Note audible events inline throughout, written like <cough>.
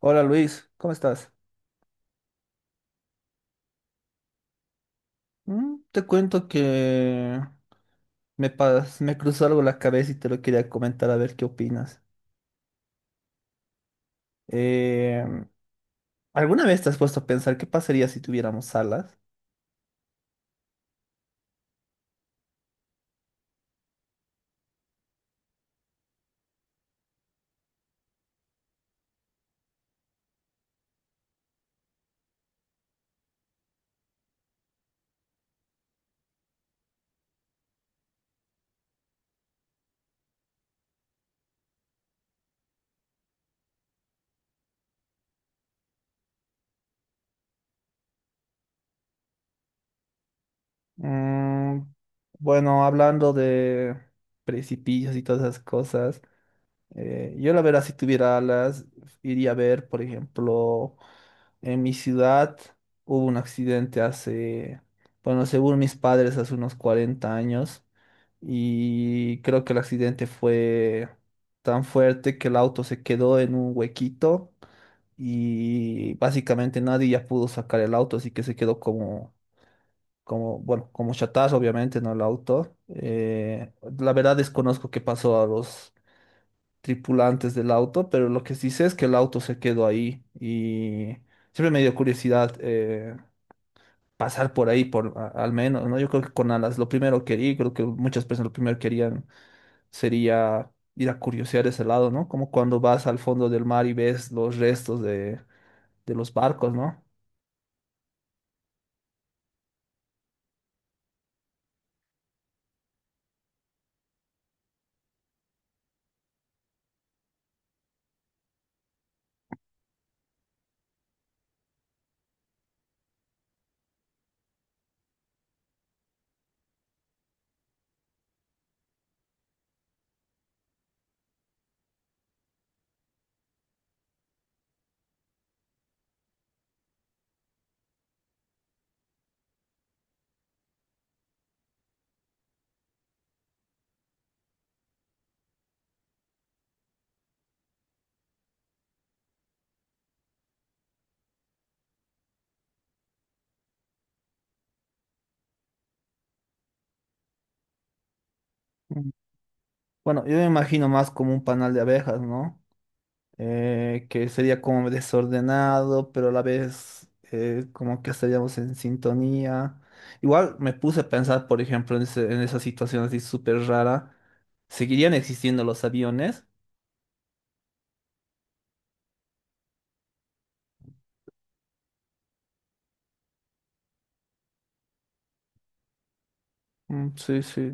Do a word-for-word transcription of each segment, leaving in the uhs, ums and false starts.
Hola Luis, ¿cómo estás? Mm, te cuento que me, pas- me cruzó algo la cabeza y te lo quería comentar a ver qué opinas. Eh, ¿Alguna vez te has puesto a pensar qué pasaría si tuviéramos alas? Mm. Bueno, hablando de precipicios y todas esas cosas, eh, yo la verdad si tuviera alas iría a ver, por ejemplo, en mi ciudad hubo un accidente hace, bueno, según mis padres, hace unos cuarenta años, y creo que el accidente fue tan fuerte que el auto se quedó en un huequito y básicamente nadie ya pudo sacar el auto, así que se quedó como, como, bueno, como chatarra, obviamente, ¿no? El auto. Eh, la verdad desconozco qué pasó a los tripulantes del auto, pero lo que sí sé es que el auto se quedó ahí y siempre me dio curiosidad. Eh, pasar por ahí, por a- al menos, ¿no? Yo creo que con alas, lo primero que quería, creo que muchas personas lo primero querían sería ir a curiosear ese lado, ¿no? Como cuando vas al fondo del mar y ves los restos de, de los barcos, ¿no? Mm. Bueno, yo me imagino más como un panal de abejas, ¿no? Eh, que sería como desordenado, pero a la vez eh, como que estaríamos en sintonía. Igual me puse a pensar, por ejemplo, en, ese- en esa situación así súper rara. ¿Seguirían existiendo los aviones? Mm, sí, sí.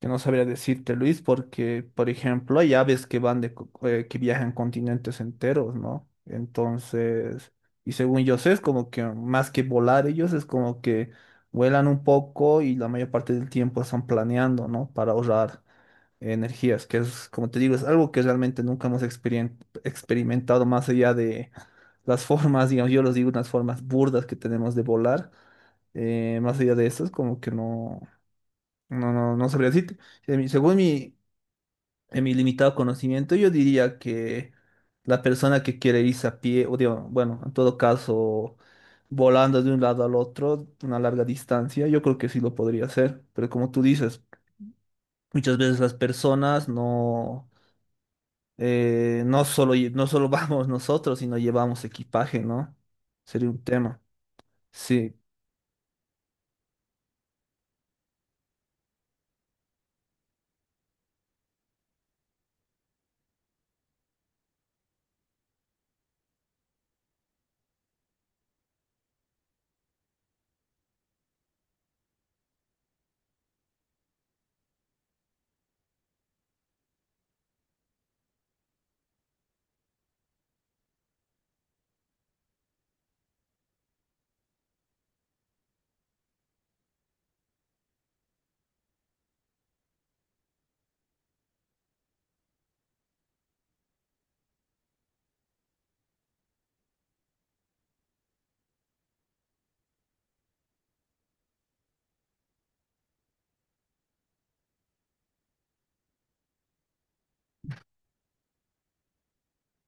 Que no sabría decirte, Luis, porque, por ejemplo, hay aves que van de, co- eh, que viajan continentes enteros, ¿no? Entonces, y según yo sé, es como que más que volar ellos, es como que vuelan un poco y la mayor parte del tiempo están planeando, ¿no? Para ahorrar energías, que es, como te digo, es algo que realmente nunca hemos experien- experimentado más allá de las <laughs> formas, digamos, yo los digo unas formas burdas que tenemos de volar. Eh, más allá de eso, es como que no. No, no, no sabría decirte. En mi- Según mi, en mi limitado conocimiento, yo diría que la persona que quiere irse a pie, o digo, bueno, en todo caso, volando de un lado al otro, una larga distancia, yo creo que sí lo podría hacer. Pero como tú dices, muchas veces las personas no, eh, no solo, lle- no solo <laughs> vamos nosotros, sino llevamos equipaje, ¿no? Sería un tema. Sí.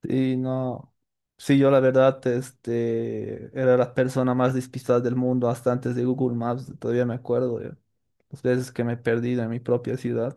Y no, sí, yo la verdad, este, era la persona más despistada del mundo hasta antes de Google Maps, todavía me acuerdo de las veces que me he perdido en mi propia ciudad.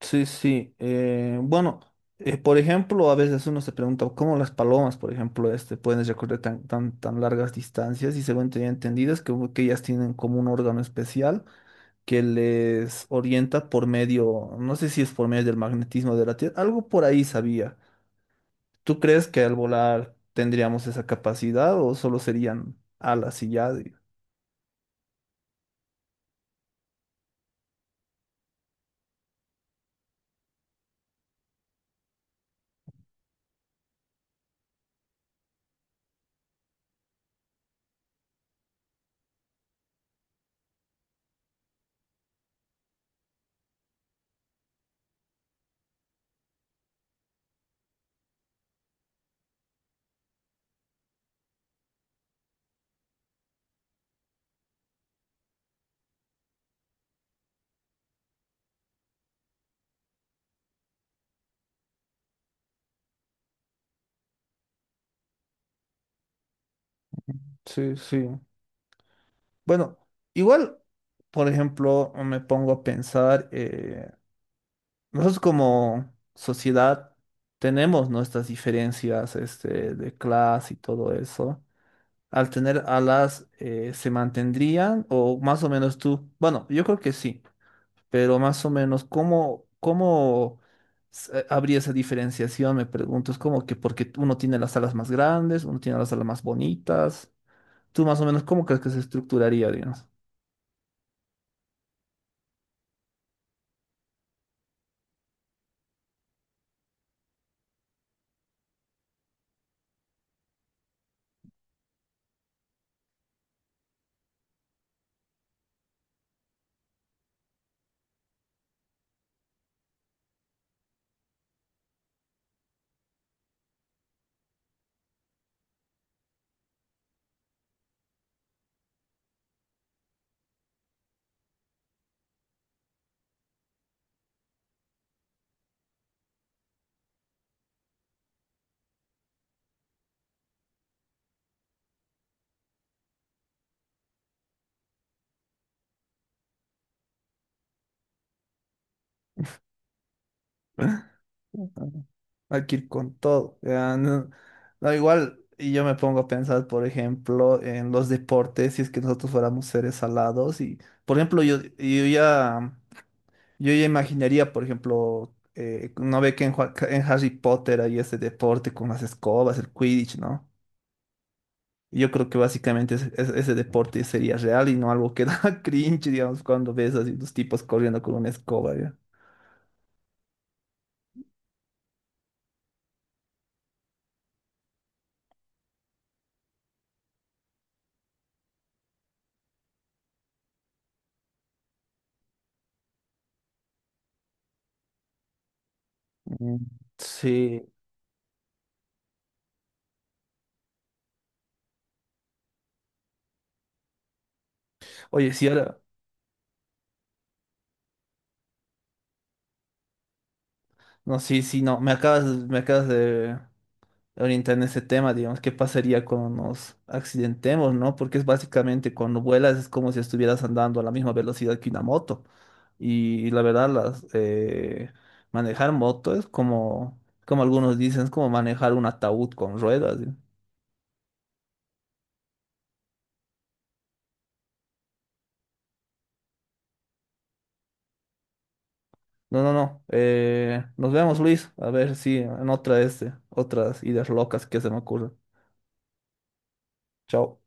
Sí, sí, eh, bueno, eh, por ejemplo, a veces uno se pregunta cómo las palomas, por ejemplo, este, pueden recorrer tan, tan, tan largas distancias, y según tenía entendido es que, que ellas tienen como un órgano especial que les orienta por medio, no sé si es por medio del magnetismo de la Tierra, algo por ahí sabía. ¿Tú crees que al volar tendríamos esa capacidad o solo serían alas y ya? di- Sí, sí. Bueno, igual, por ejemplo, me pongo a pensar, eh, nosotros como sociedad tenemos nuestras diferencias, este, de clase y todo eso. Al tener alas, eh, ¿se mantendrían? O más o menos tú. Bueno, yo creo que sí. Pero más o menos, ¿cómo, cómo s- eh, habría esa diferenciación? Me pregunto, es como que porque uno tiene las alas más grandes, uno tiene las alas más bonitas. Tú más o menos, ¿cómo crees que se estructuraría, digamos? Ujú. Hay que ir con todo. Ya, no, no, igual, y yo me pongo a pensar, por ejemplo, en los deportes, si es que nosotros fuéramos seres alados, y, por ejemplo, yo, yo ya... Yo ya imaginaría, por ejemplo, eh, no ve que en, Jua- en Harry Potter hay ese deporte con las escobas, el Quidditch, ¿no? Y yo creo que básicamente ese, ese- ese deporte sería real y no algo que <laughs> da cringe, digamos, cuando ves así los tipos corriendo con una escoba, ¿ya? Mm. Sí. Oye, sí, ahora, no, sí, sí, no, me acabas, me acabas de orientar en ese tema, digamos, qué pasaría cuando nos accidentemos, ¿no? Porque es básicamente cuando vuelas es como si estuvieras andando a la misma velocidad que una moto. Y la verdad, las, eh, manejar moto es como, como algunos dicen, es como manejar un ataúd con ruedas. ¿Sí? No, no, no. Eh, nos vemos, Luis. A ver si en otra este, otras ideas locas que se me ocurren. Chao.